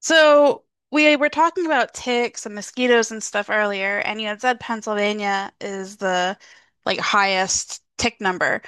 So we were talking about ticks and mosquitoes and stuff earlier, and you had said Pennsylvania is the highest tick number.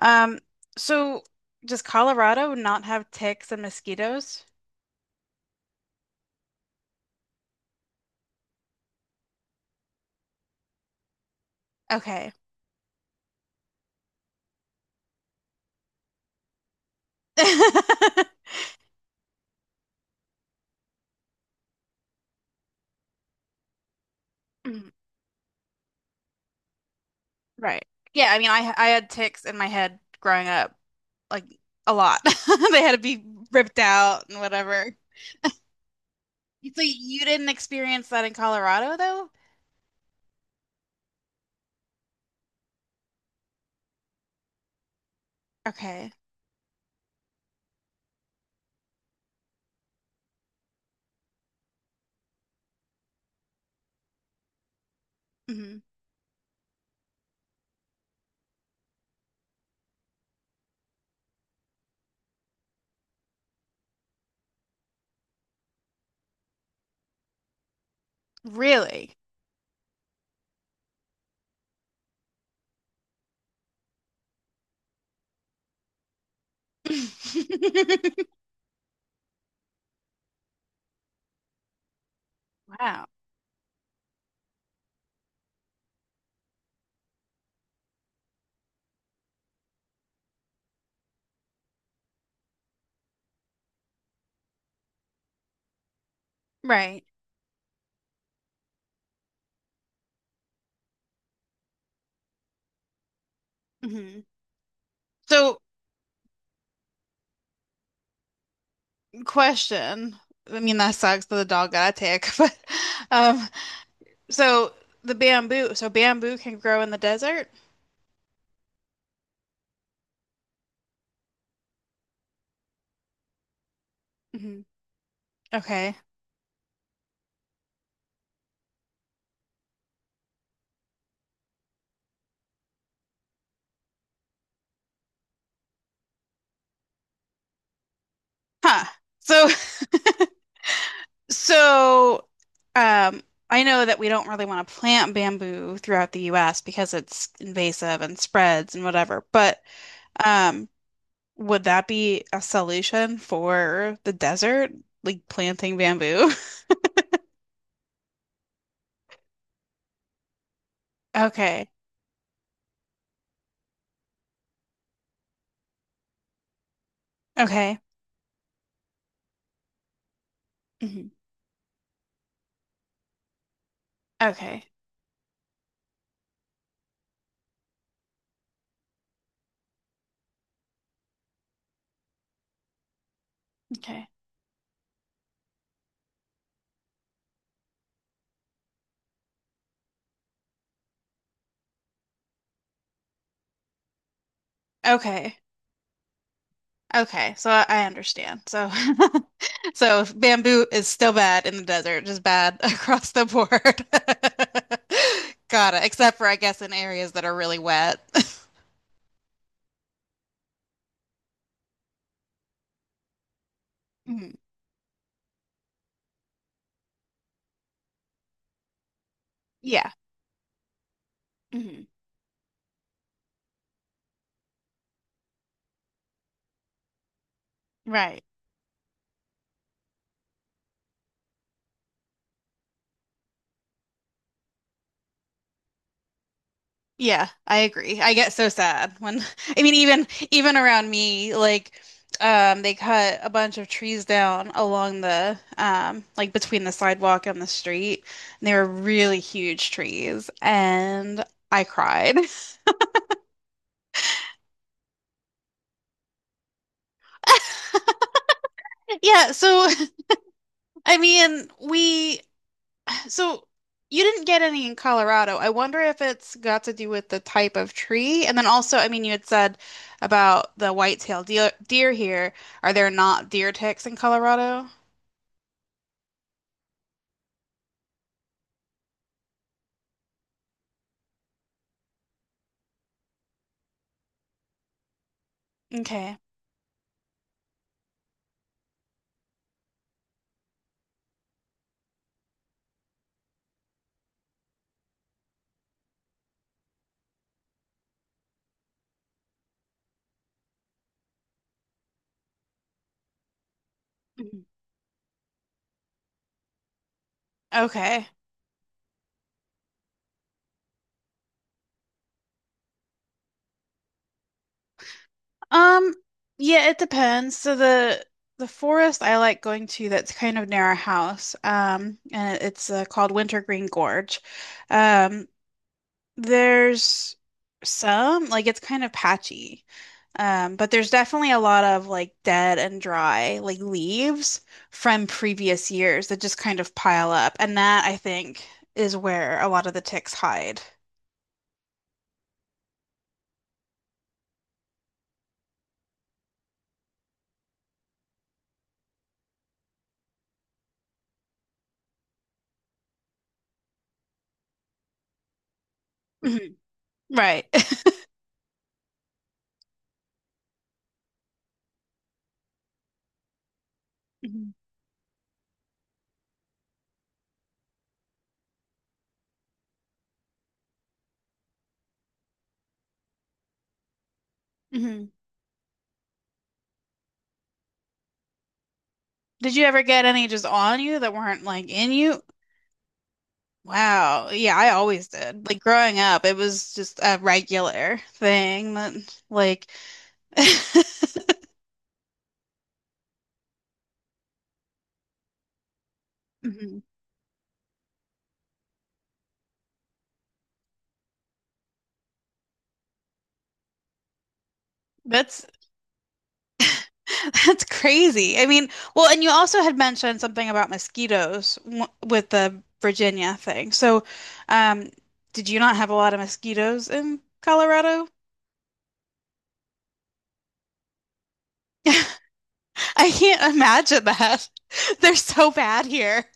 Um, so does Colorado not have ticks and mosquitoes? Okay. Mm, Right. Yeah, I mean I had ticks in my head growing up, like a lot. They had to be ripped out and whatever. So you didn't experience that in Colorado though? Okay. hmm Really? Wow. Right. hmm So, question. I mean, that sucks that the dog got a tick, but um, so the bamboo, so bamboo can grow in the desert? hmm Okay. Huh. So, so, um, I know that we don't really want to plant bamboo throughout the US because it's invasive and spreads and whatever, but um, would that be a solution for the desert? Like planting bamboo? Okay. Okay. hmm Okay. Okay. Okay. Okay. So I understand. So so bamboo is still bad in the desert, just bad across the board. Got it. Except for I guess in areas that are really wet. Mhm. Yeah. hmm Right. Yeah, I agree. I get so sad when I mean even around me, like they cut a bunch of trees down along the like between the sidewalk and the street. And they were really huge trees and I cried. Yeah, so I mean we so you didn't get any in Colorado. I wonder if it's got to do with the type of tree. And then also, I mean you had said about the white-tailed deer here. Are there not deer ticks in Colorado? Okay. Mhm. Okay. Um, yeah, it depends. So the forest I like going to that's kind of near our house. And it's called Wintergreen Gorge. Um, There's some, like it's kind of patchy. But there's definitely a lot of like dead and dry, like leaves from previous years that just kind of pile up. And that I think is where a lot of the ticks hide. Mhm. Right. Mhm. Mhm. Did you ever get any just on you that weren't like in you? Wow. Yeah, I always did. Like growing up, it was just a regular thing that like Mhm. That's That's crazy. I mean, well, and you also had mentioned something about mosquitoes w with the Virginia thing. So, um, did you not have a lot of mosquitoes in Colorado? I can't imagine that. They're so bad here.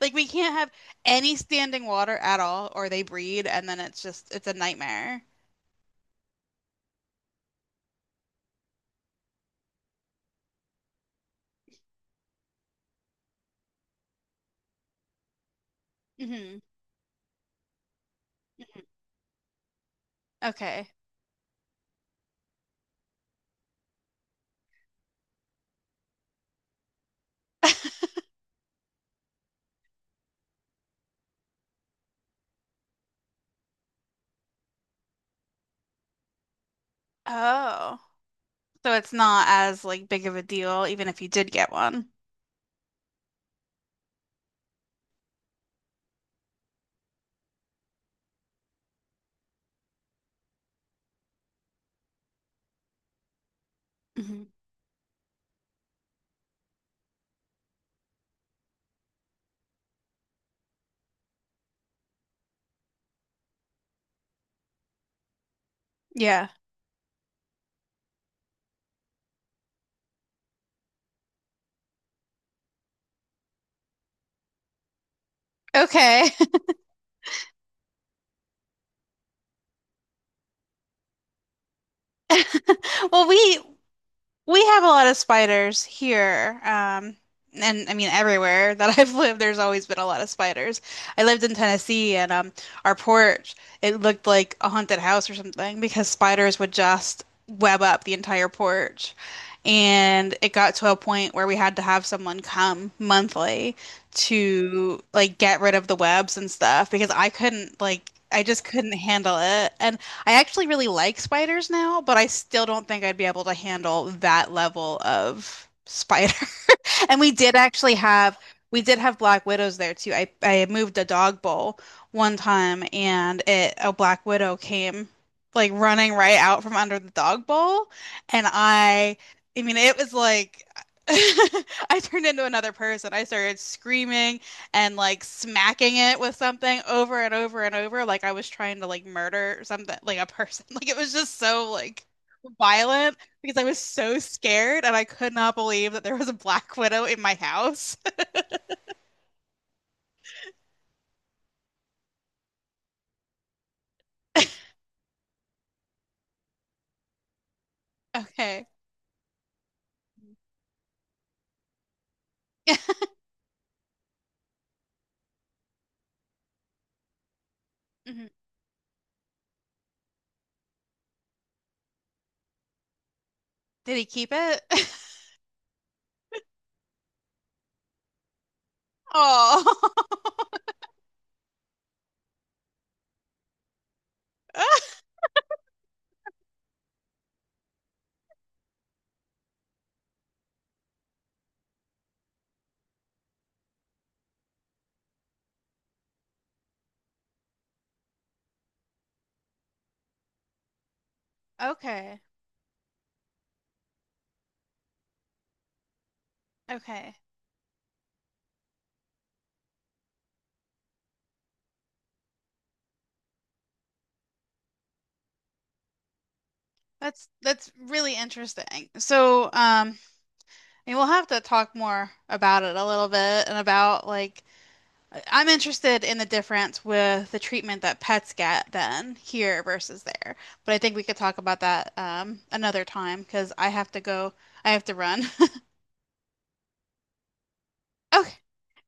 Like we can't have any standing water at all, or they breed, and then it's just it's a nightmare. hmm Okay. Oh, so it's not as like big of a deal, even if you did get one. hmm Yeah. Okay. Well, we have a lot of spiders here. And I mean everywhere that I've lived, there's always been a lot of spiders. I lived in Tennessee and our porch, it looked like a haunted house or something because spiders would just web up the entire porch. And it got to a point where we had to have someone come monthly to like get rid of the webs and stuff because I couldn't like I just couldn't handle it. And I actually really like spiders now, but I still don't think I'd be able to handle that level of spider. And we did have black widows there too. I moved a dog bowl one time and it a black widow came like running right out from under the dog bowl and I mean it was like I turned into another person. I started screaming and like smacking it with something over and over and over like I was trying to like murder something like a person. Like it was just so like violent because I was so scared and I could not believe that there was a black widow in my house. Okay. Did he keep it? Oh. Okay. Okay. That's really interesting. So, we'll have to talk more about it a little bit and about like I'm interested in the difference with the treatment that pets get then here versus there. But I think we could talk about that another time because I have to run. Okay.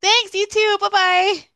Thanks, you too. Bye bye.